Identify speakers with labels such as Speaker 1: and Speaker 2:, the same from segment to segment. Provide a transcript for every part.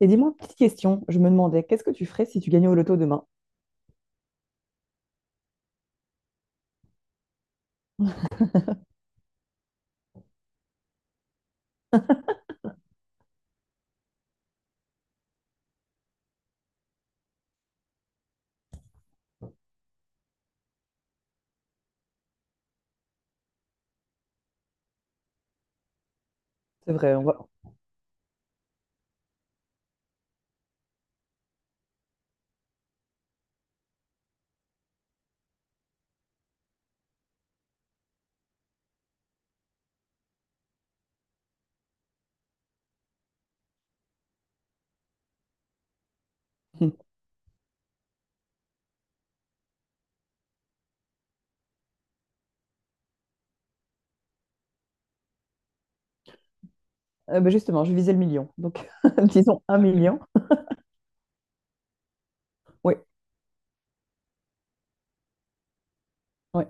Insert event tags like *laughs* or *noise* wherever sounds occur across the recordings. Speaker 1: Et dis-moi, petite question, je me demandais, qu'est-ce que tu ferais si tu gagnais au loto demain? C'est vrai, on va... *laughs* Ben justement, je visais le million, donc *laughs* disons un million. Oui, oui,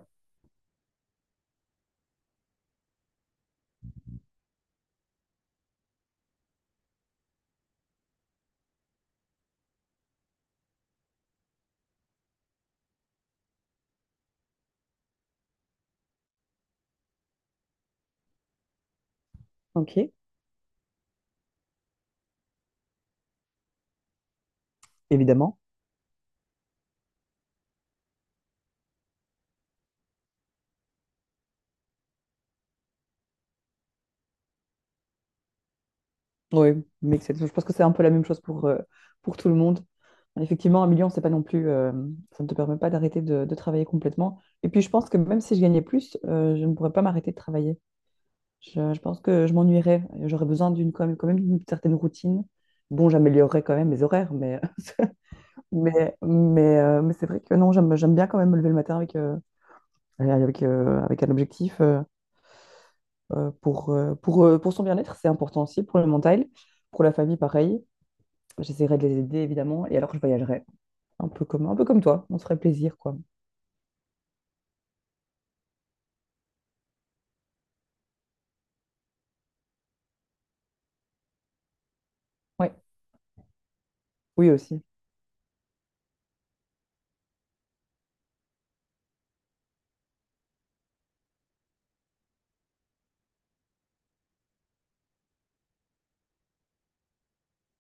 Speaker 1: ok, évidemment. Oui, mais je pense que c'est un peu la même chose pour tout le monde. Effectivement, un million, c'est pas non plus, ça ne te permet pas d'arrêter de travailler complètement. Et puis, je pense que même si je gagnais plus, je ne pourrais pas m'arrêter de travailler. Je pense que je m'ennuierais. J'aurais besoin d'une quand même d'une certaine routine. Bon, j'améliorerais quand même mes horaires, mais *laughs* Mais c'est vrai que non, j'aime bien quand même me lever le matin avec, avec, avec un objectif pour son bien-être, c'est important aussi, pour le mental, pour la famille, pareil. J'essaierai de les aider, évidemment, et alors je voyagerai, un peu comme toi, on se ferait plaisir, quoi. Ouais. Oui, aussi.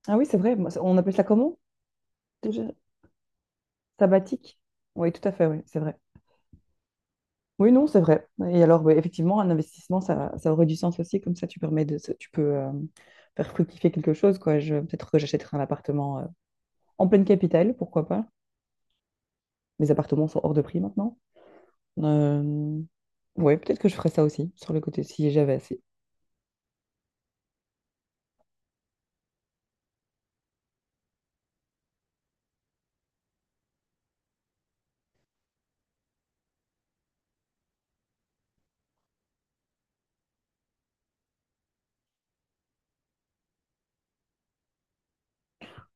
Speaker 1: Ah oui, c'est vrai, moi, on appelle ça comment déjà? Sabbatique? Oui, tout à fait, oui, c'est vrai. Oui, non, c'est vrai. Et alors, ouais, effectivement, un investissement, ça aurait du sens aussi, comme ça, tu permets de, tu peux faire fructifier quelque chose, quoi. Peut-être que j'achèterai un appartement. En pleine capitale, pourquoi pas. Mes appartements sont hors de prix maintenant. Euh, Ouais, peut-être que je ferais ça aussi, sur le côté, si j'avais assez.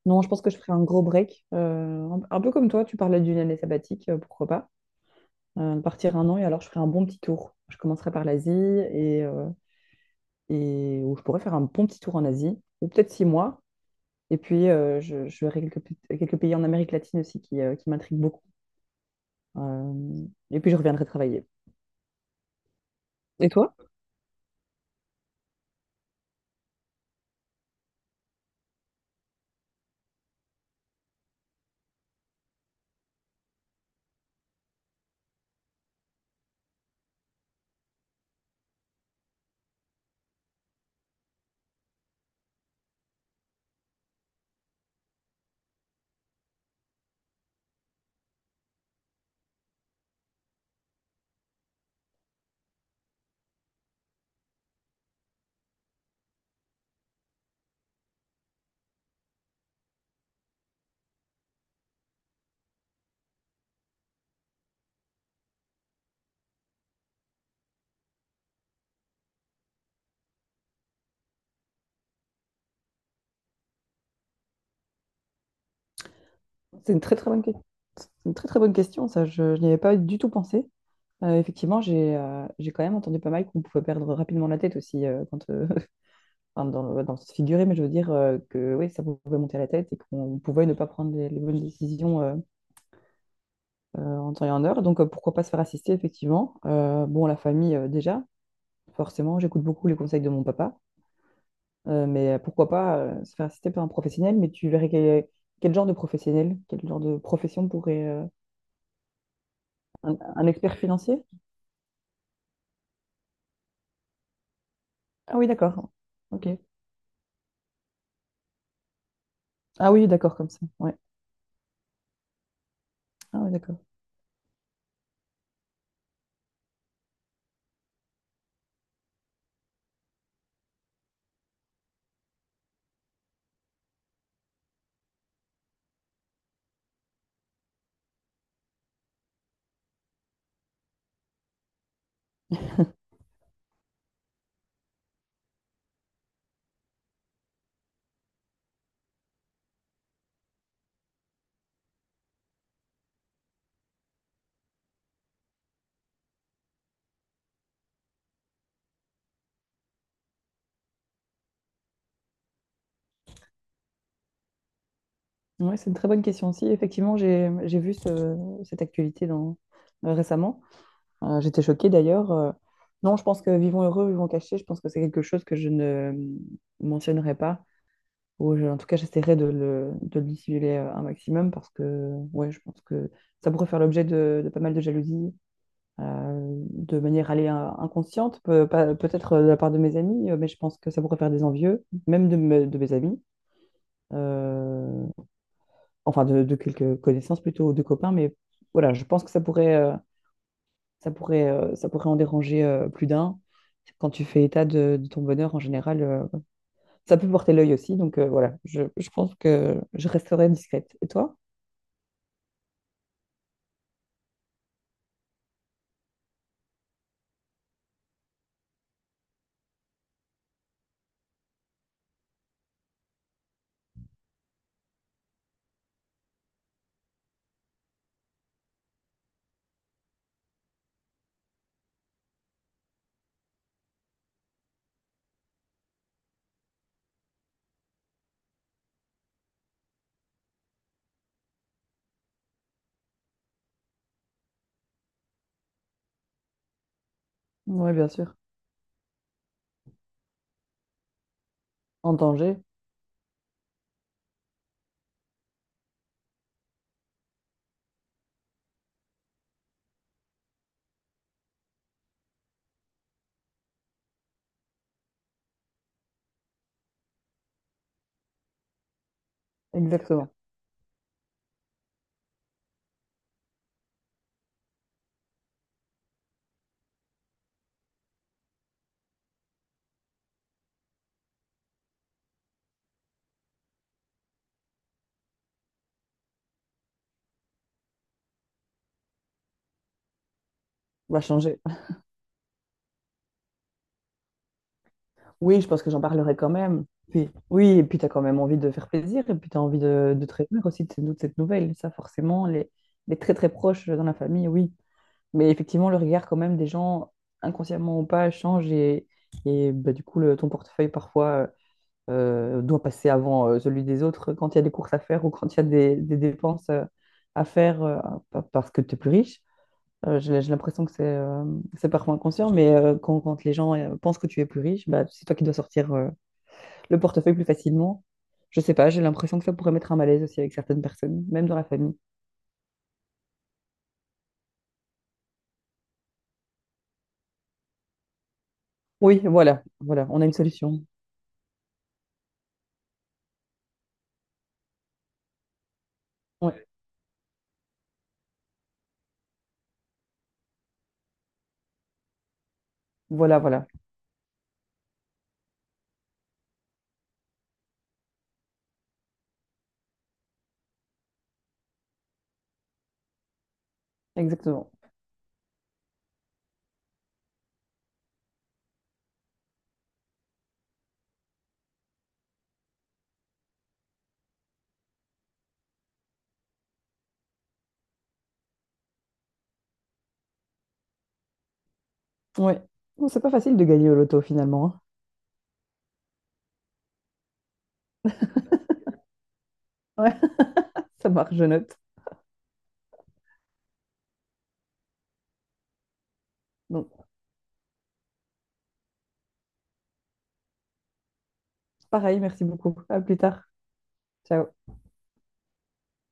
Speaker 1: Non, je pense que je ferais un gros break. Un peu comme toi, tu parlais d'une année sabbatique, pourquoi pas. Partir un an et alors je ferais un bon petit tour. Je commencerai par l'Asie et où je pourrais faire un bon petit tour en Asie, ou peut-être 6 mois. Et puis, je verrai quelques, quelques pays en Amérique latine aussi qui m'intriguent beaucoup. Euh, et puis, je reviendrai travailler. Et toi? C'est une très très bonne, question. C'est une très très bonne question, ça. Je n'y avais pas du tout pensé. Effectivement, j'ai quand même entendu pas mal qu'on pouvait perdre rapidement la tête aussi, quand, *laughs* enfin, dans le sens figuré, mais je veux dire que oui, ça pouvait monter à la tête et qu'on pouvait ne pas prendre les bonnes décisions en temps et en heure. Donc, pourquoi pas se faire assister, effectivement. Bon, la famille, déjà. Forcément, j'écoute beaucoup les conseils de mon papa, mais pourquoi pas se faire assister par un professionnel, mais tu verrais quel, quel genre de professionnel, quel genre de profession pourrait... un expert financier? Ah oui, d'accord. Ok. Ah oui, d'accord, comme ça. Ouais. Ah oui, d'accord. Ouais, c'est une très bonne question aussi. Effectivement, j'ai vu cette actualité dans, récemment. J'étais choquée d'ailleurs. Non, je pense que vivons heureux, vivons cachés, je pense que c'est quelque chose que je ne euh, mentionnerai pas. Ou en tout cas, j'essaierai de le dissimuler un maximum parce que ouais, je pense que ça pourrait faire l'objet de pas mal de jalousie de manière allez, inconsciente, peut, pas- peut-être de la part de mes amis, mais je pense que ça pourrait faire des envieux, même de, de mes amis, euh, enfin de quelques connaissances plutôt, ou de copains, mais voilà, je pense que ça pourrait, ça pourrait en déranger plus d'un. Quand tu fais état de ton bonheur en général, ça peut porter l'œil aussi. Donc voilà, je pense que je resterai discrète. Et toi? Oui, bien sûr. En danger, exactement. On va changer. Oui, je pense que j'en parlerai quand même. Puis, oui, et puis tu as quand même envie de faire plaisir, et puis tu as envie de te réjouir aussi de cette nouvelle. Ça, forcément, les très très proches dans la famille, oui, mais effectivement, le regard quand même des gens, inconsciemment ou pas, change et bah, du coup, le, ton portefeuille parfois doit passer avant celui des autres quand il y a des courses à faire ou quand il y a des dépenses à faire parce que tu es plus riche. J'ai l'impression que c'est parfois inconscient, mais quand, quand les gens pensent que tu es plus riche, bah, c'est toi qui dois sortir le portefeuille plus facilement. Je sais pas, j'ai l'impression que ça pourrait mettre un malaise aussi avec certaines personnes, même dans la famille. Oui, voilà, voilà, on a une solution. Ouais, voilà, voilà, exactement. Ouais. Bon, c'est pas facile de gagner au loto finalement. Hein. Ouais, *laughs* ça marche, je note. Donc, pareil, merci beaucoup. À plus tard. Ciao.